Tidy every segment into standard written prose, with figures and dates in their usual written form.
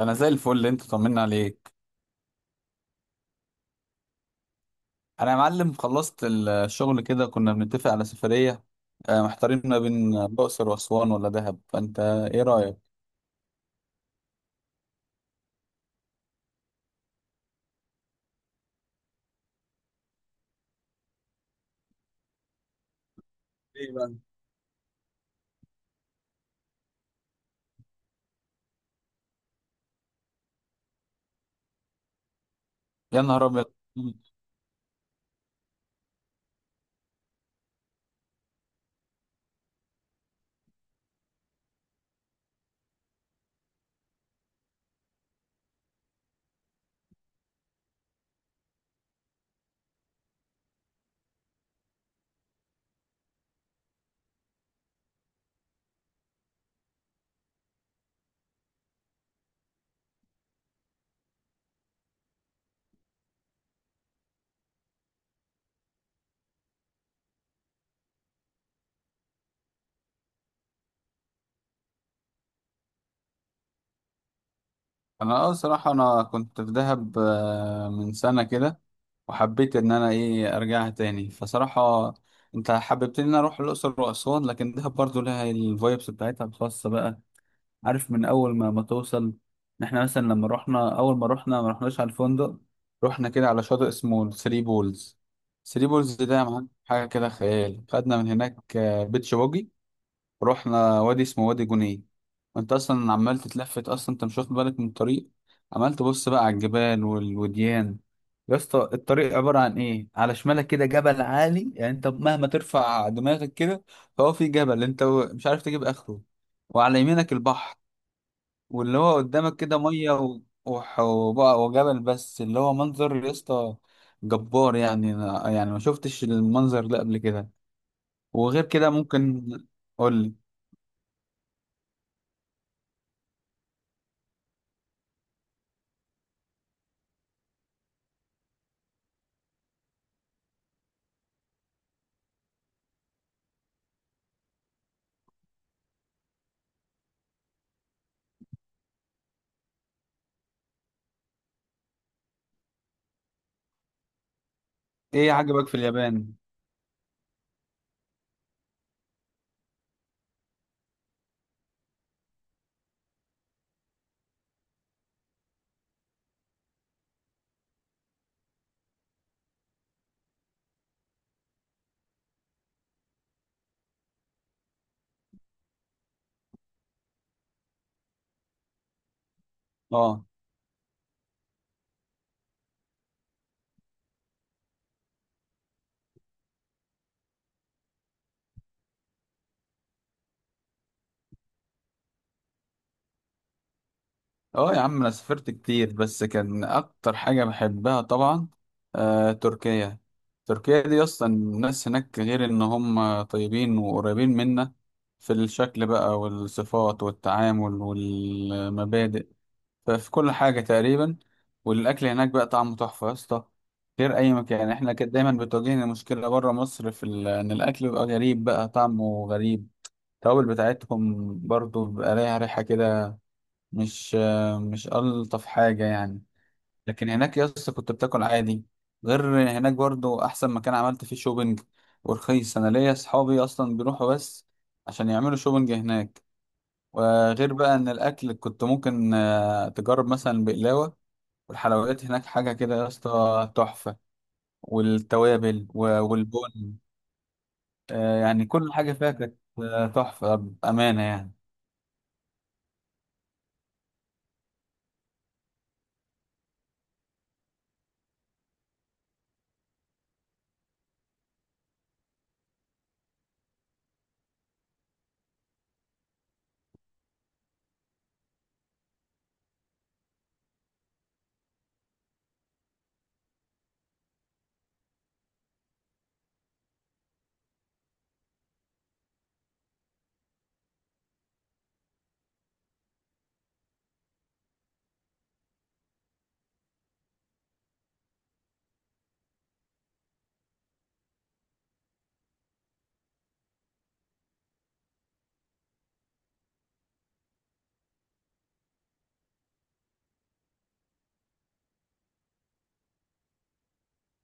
انا زي الفل. انت طمنا عليك. انا يا معلم خلصت الشغل كده، كنا بنتفق على سفرية. محتارين ما بين الاقصر واسوان ولا دهب. فانت ايه رايك؟ ايه بقى؟ يا نهار ابيض. انا صراحة انا كنت في دهب من سنة كده. وحبيت ان انا ارجعها تاني. فصراحة انت حببتني ان أنا اروح الاقصر واسوان، لكن دهب برضو لها الفايبس بتاعتها الخاصة بقى. عارف، من اول ما توصل، ان احنا مثلا لما رحنا، اول ما رحنا ما رحناش على الفندق، رحنا كده على شاطئ اسمه ثري بولز. ثري بولز ده يا معلم حاجه كده خيال. خدنا من هناك بيتش باجي. رحنا وادي اسمه وادي جنيه. وانت اصلا عمال تتلفت، اصلا انت مش واخد بالك من الطريق. عمال تبص بقى على الجبال والوديان. يا اسطى، الطريق عباره عن ايه؟ على شمالك كده جبل عالي، يعني انت مهما ترفع دماغك كده، فهو في جبل انت مش عارف تجيب اخره. وعلى يمينك البحر. واللي هو قدامك كده ميه وبقى وجبل، بس اللي هو منظر يا اسطى جبار. يعني أنا يعني ما شفتش المنظر ده قبل كده. وغير كده ممكن قول لي. ايه عجبك في اليابان؟ اه. اه يا عم، انا سافرت كتير، بس كان اكتر حاجه بحبها طبعا تركيا. تركيا دي اصلا الناس هناك، غير ان هم طيبين وقريبين منا في الشكل بقى، والصفات والتعامل والمبادئ. ففي كل حاجة تقريبا. والأكل هناك بقى طعمه تحفة يا اسطى، غير أي مكان. احنا كده دايما بتواجهنا مشكلة بره مصر، إن الأكل بيبقى غريب بقى، طعمه غريب. التوابل بتاعتهم برضو بيبقى ليها ريحة كده، مش ألطف حاجة يعني. لكن هناك يا اسطى كنت بتاكل عادي. غير هناك برضو أحسن مكان عملت فيه شوبينج، ورخيص. أنا ليا أصحابي أصلا بيروحوا بس عشان يعملوا شوبينج هناك. وغير بقى إن الأكل كنت ممكن تجرب مثلا بقلاوة. والحلويات هناك حاجة كده يا اسطى تحفة. والتوابل والبن. يعني كل حاجة فيها كانت تحفة بأمانة يعني.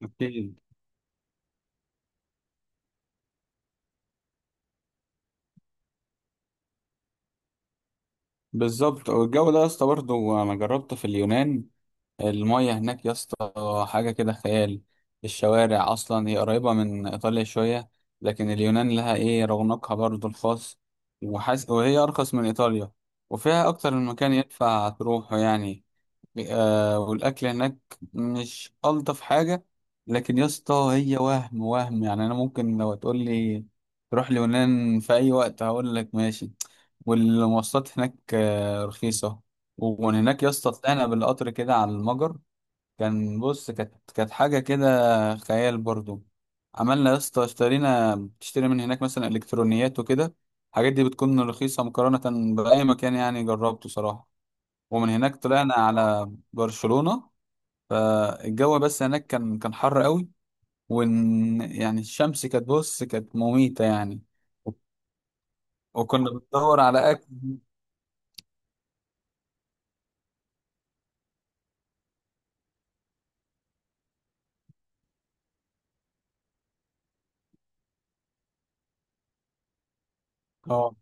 أكيد. بالظبط. والجو ده يا اسطى برضه أنا جربته في اليونان. المية هناك يا اسطى حاجة كده خيال. الشوارع أصلا هي قريبة من إيطاليا شوية، لكن اليونان لها إيه رونقها برضه الخاص. وهي أرخص من إيطاليا، وفيها أكتر من مكان يدفع تروحه يعني. والاكل هناك مش الطف حاجه، لكن يا اسطى هي وهم وهم. يعني انا ممكن لو تقول لي روح اليونان في اي وقت هقول لك ماشي. والمواصلات هناك رخيصه. ومن هناك يا اسطى طلعنا بالقطر كده على المجر. بص، كانت حاجه كده خيال برضو. عملنا يا اسطى، بتشتري من هناك مثلا الكترونيات وكده. الحاجات دي بتكون رخيصه مقارنه باي مكان يعني، جربته صراحه. ومن هناك طلعنا على برشلونة. فالجو بس هناك كان حر قوي. وإن يعني الشمس بص كانت مميتة يعني. وكنا بندور على أكل. اه.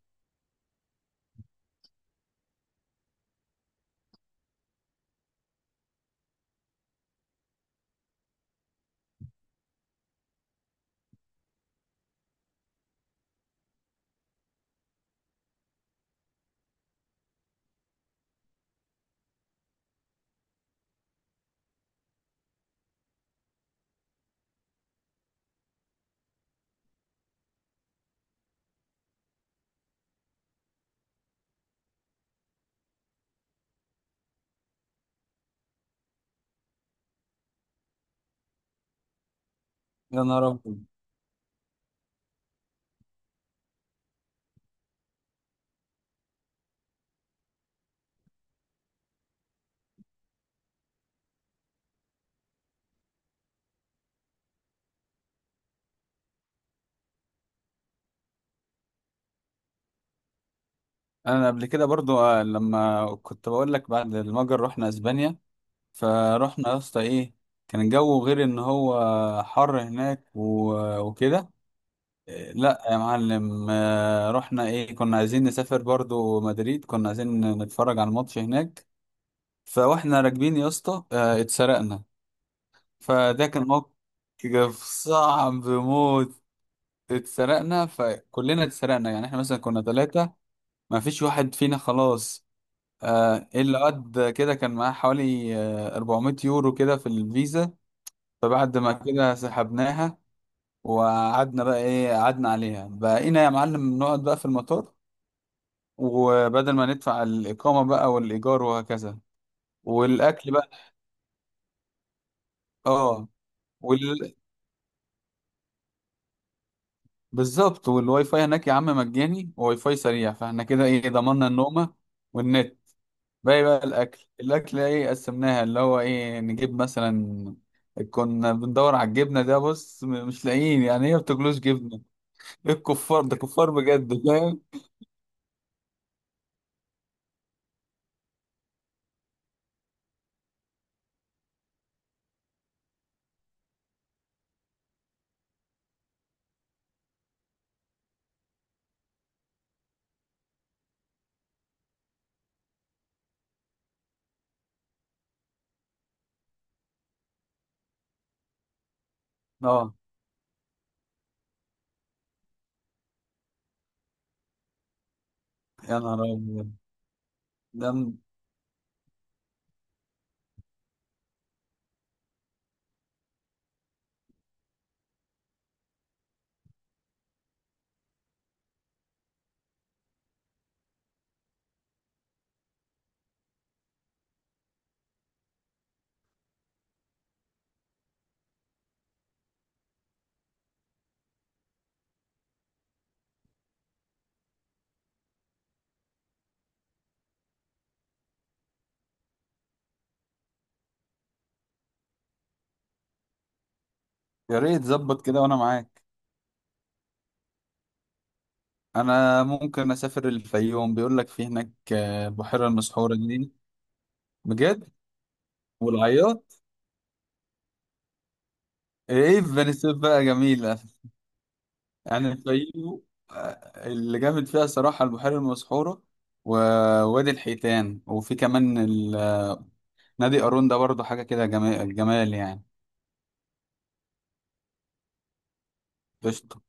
يا نهار أبيض. أنا قبل كده برضو لما كنت بقول لك، بعد المجر رحنا أسبانيا. فروحنا يا اسطى كان الجو غير إن هو حر هناك وكده. إيه، لا يا معلم، رحنا كنا عايزين نسافر برضو مدريد، كنا عايزين نتفرج على الماتش هناك. فواحنا راكبين يا اسطى اتسرقنا. فده كان موقف صعب موت. اتسرقنا، فكلنا اتسرقنا يعني. احنا مثلا كنا ثلاثة، ما فيش واحد فينا خلاص، الا واد كده كان معاه حوالي 400 يورو كده في الفيزا. فبعد ما كده سحبناها، وقعدنا بقى قعدنا عليها. بقينا يا معلم نقعد بقى في المطار، وبدل ما ندفع الإقامة بقى والإيجار وهكذا. والأكل بقى. اه. بالظبط. والواي فاي هناك يا عم مجاني، وواي فاي سريع، فاحنا كده ضمننا النومة والنت. باقي بقى الاكل. الاكل قسمناها، اللي هو نجيب مثلا. كنا بندور على الجبنة، ده بص مش لاقيين يعني، هي بتجلوش جبنة. إيه الكفار ده؟ كفار بجد فاهم. اه. يا نهار ابيض. ده م- يا ريت ظبط كده وانا معاك. انا ممكن اسافر الفيوم، بيقول لك في هناك بحيرة المسحورة دي. بجد. والعياط. ايه، فينيسيف بقى جميلة. يعني الفيوم اللي جامد فيها صراحة البحيرة المسحورة، ووادي الحيتان، وفي كمان نادي قارون ده برضه حاجة كده جمال الجمال يعني. قشطة.